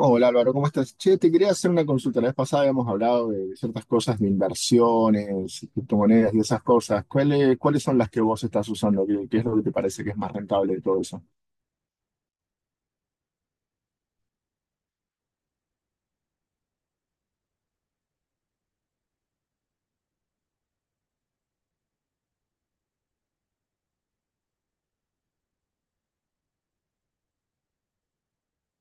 Hola Álvaro, ¿cómo estás? Che, te quería hacer una consulta. La vez pasada habíamos hablado de ciertas cosas de inversiones, criptomonedas y esas cosas. ¿Cuáles son las que vos estás usando? ¿Qué es lo que te parece que es más rentable de todo eso?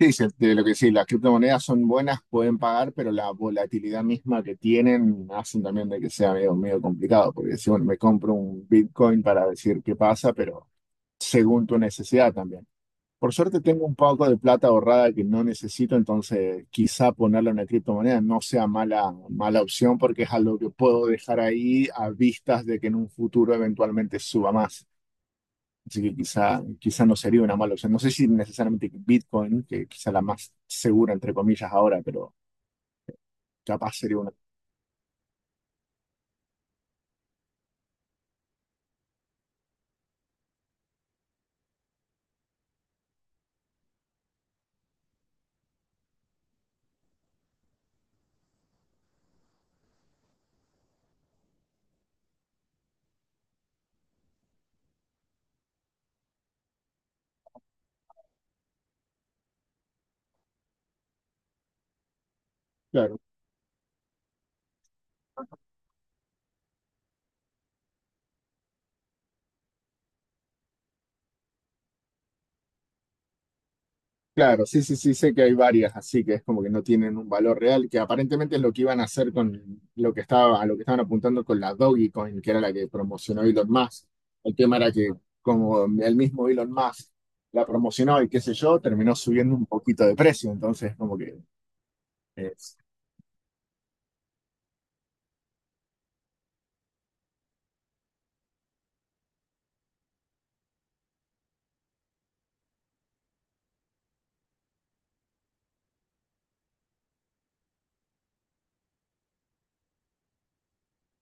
Sí, sí, de lo que sí, las criptomonedas son buenas, pueden pagar, pero la volatilidad misma que tienen hacen también de que sea medio, medio complicado, porque si bueno, me compro un Bitcoin para decir qué pasa, pero según tu necesidad también. Por suerte tengo un poco de plata ahorrada que no necesito, entonces quizá ponerla en una criptomoneda no sea mala, mala opción porque es algo que puedo dejar ahí a vistas de que en un futuro eventualmente suba más. Así que quizá no sería una mala opción. No sé si necesariamente Bitcoin, que quizá la más segura entre comillas ahora, pero capaz sería una. Claro, sí, sí, sí, sé que hay varias, así que es como que no tienen un valor real, que aparentemente es lo que iban a hacer con lo que estaba, a lo que estaban apuntando con la Dogecoin, que era la que promocionó Elon Musk. El tema era que como el mismo Elon Musk la promocionó y qué sé yo, terminó subiendo un poquito de precio, entonces como que es,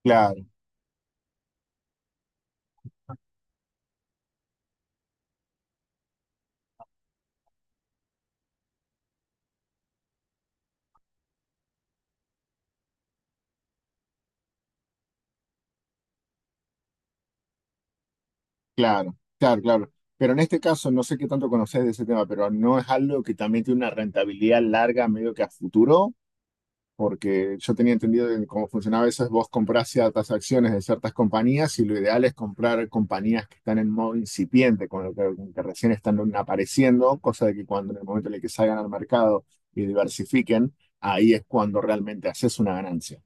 claro, claro, claro, claro. Pero en este caso, no sé qué tanto conocés de ese tema, pero no es algo que también tiene una rentabilidad larga, medio que a futuro. Porque yo tenía entendido de cómo funcionaba eso, es vos comprás ciertas acciones de ciertas compañías y lo ideal es comprar compañías que están en modo incipiente, con lo que recién están apareciendo, cosa de que cuando en el momento en el que salgan al mercado y diversifiquen, ahí es cuando realmente haces una ganancia.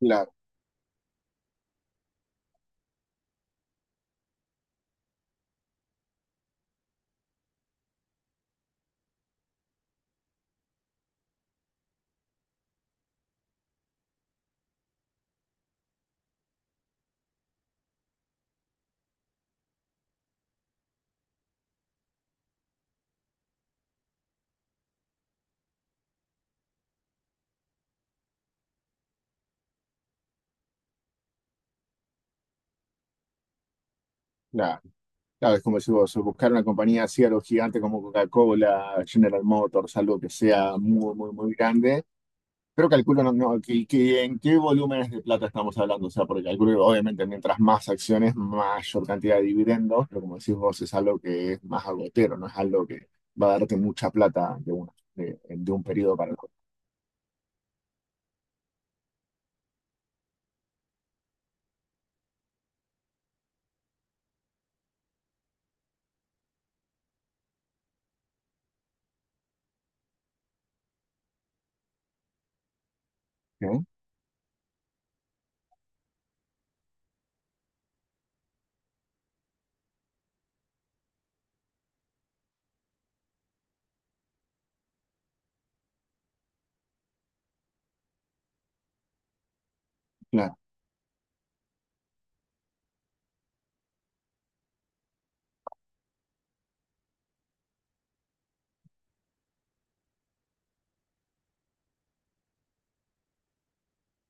Claro, claro, claro, es como si vos, buscar una compañía así, algo gigante como Coca-Cola, General Motors, algo que sea muy, muy, muy grande. Pero calculo no, no, que en qué volúmenes de plata estamos hablando. O sea, porque calculo que obviamente mientras más acciones, mayor cantidad de dividendos, pero como decís vos, es algo que es más agotero, no es algo que va a darte mucha plata de un periodo para el otro. ¿No?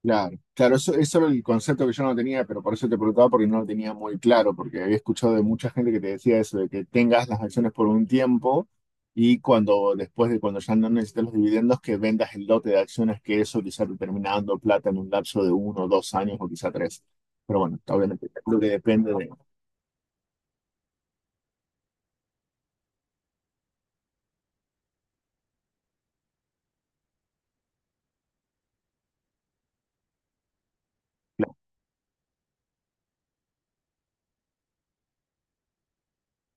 Claro, claro, eso era el concepto que yo no tenía, pero por eso te preguntaba porque no lo tenía muy claro, porque había escuchado de mucha gente que te decía eso, de que tengas las acciones por un tiempo y cuando después de cuando ya no necesites los dividendos, que vendas el lote de acciones, que eso quizá te termina dando plata en un lapso de uno, dos años o quizá tres. Pero bueno, obviamente creo que depende de... Claro,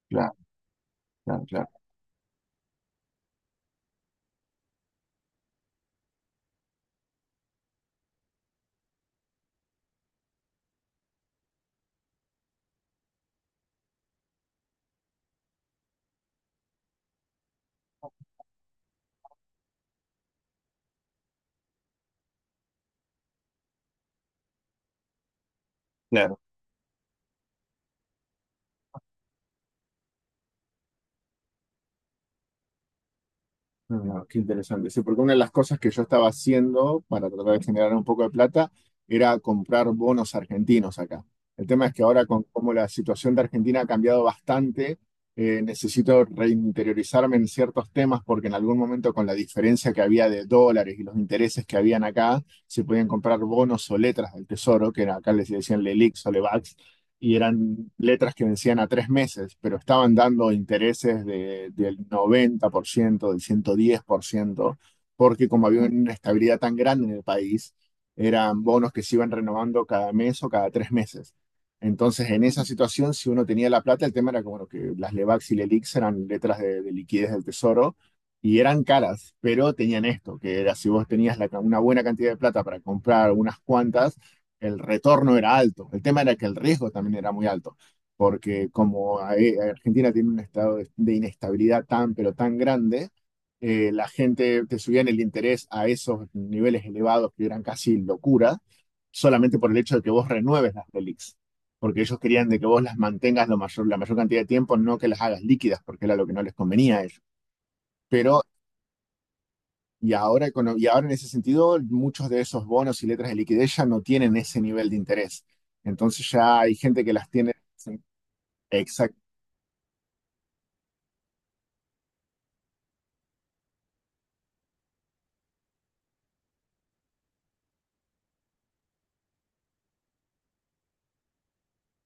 claro, claro, claro. Claro. Ah, qué interesante. Sí, porque una de las cosas que yo estaba haciendo para tratar de generar un poco de plata era comprar bonos argentinos acá. El tema es que ahora con cómo la situación de Argentina ha cambiado bastante, necesito reinteriorizarme en ciertos temas porque en algún momento con la diferencia que había de dólares y los intereses que habían acá, se podían comprar bonos o letras del tesoro, acá les decían lelix o LEVAX, y eran letras que vencían a 3 meses, pero estaban dando intereses del 90%, del 110%, porque como había una estabilidad tan grande en el país, eran bonos que se iban renovando cada mes o cada 3 meses. Entonces, en esa situación, si uno tenía la plata, el tema era que, bueno, que las Levax y Lelix eran letras de liquidez del tesoro y eran caras, pero tenían esto, que era si vos tenías una buena cantidad de plata para comprar unas cuantas, el retorno era alto. El tema era que el riesgo también era muy alto, porque Argentina tiene un estado de inestabilidad tan, pero tan grande, la gente te subían el interés a esos niveles elevados que eran casi locura, solamente por el hecho de que vos renueves las relics. Porque ellos querían de que vos las mantengas lo mayor, la mayor cantidad de tiempo, no que las hagas líquidas, porque era lo que no les convenía a ellos. Pero y ahora, y ahora en ese sentido, muchos de esos bonos y letras de liquidez ya no tienen ese nivel de interés. Entonces ya hay gente que las tiene.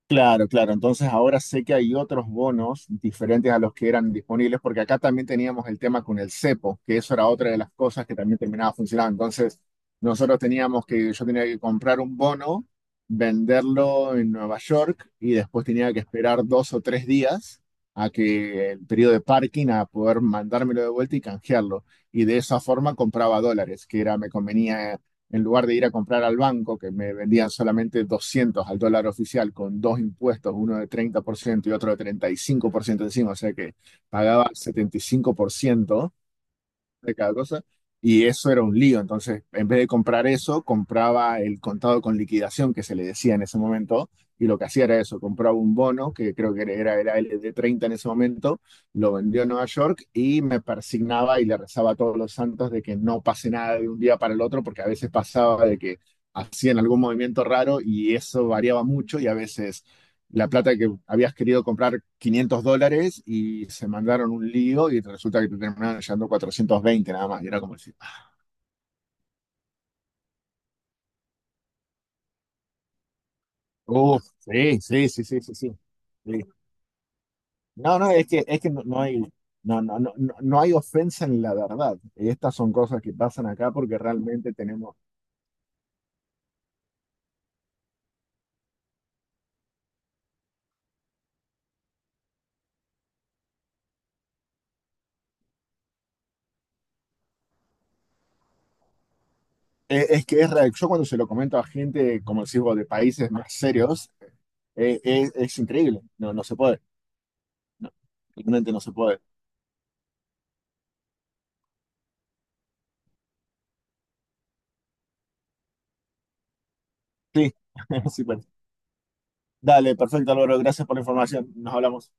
Claro, claro. Entonces ahora sé que hay otros bonos diferentes a los que eran disponibles, porque acá también teníamos el tema con el cepo, que eso era otra de las cosas que también terminaba funcionando. Entonces nosotros teníamos que, yo tenía que comprar un bono, venderlo en Nueva York y después tenía que esperar 2 o 3 días a que el periodo de parking a poder mandármelo de vuelta y canjearlo. Y de esa forma compraba dólares, que era, me convenía en lugar de ir a comprar al banco, que me vendían solamente 200 al dólar oficial con dos impuestos, uno de 30% y otro de 35% encima, o sea que pagaba 75% de cada cosa. Y eso era un lío. Entonces, en vez de comprar eso, compraba el contado con liquidación que se le decía en ese momento. Y lo que hacía era eso, compraba un bono, que creo que era el de 30 en ese momento, lo vendió a Nueva York y me persignaba y le rezaba a todos los santos de que no pase nada de un día para el otro, porque a veces pasaba de que hacían algún movimiento raro y eso variaba mucho y a veces la plata que habías querido comprar $500 y se mandaron un lío y resulta que te terminaron llevando 420 nada más. Y era como decir, uff, sí, sí, sí, sí, sí, sí. Sí. No, no, es que no, no hay, no hay ofensa en la verdad. Estas son cosas que pasan acá porque realmente tenemos. Es que es real. Yo cuando se lo comento a gente, como decimos, de países más serios, es increíble. No, no se puede. No, realmente no se puede. Sí, sí, pues. Dale, perfecto, Álvaro. Gracias por la información. Nos hablamos.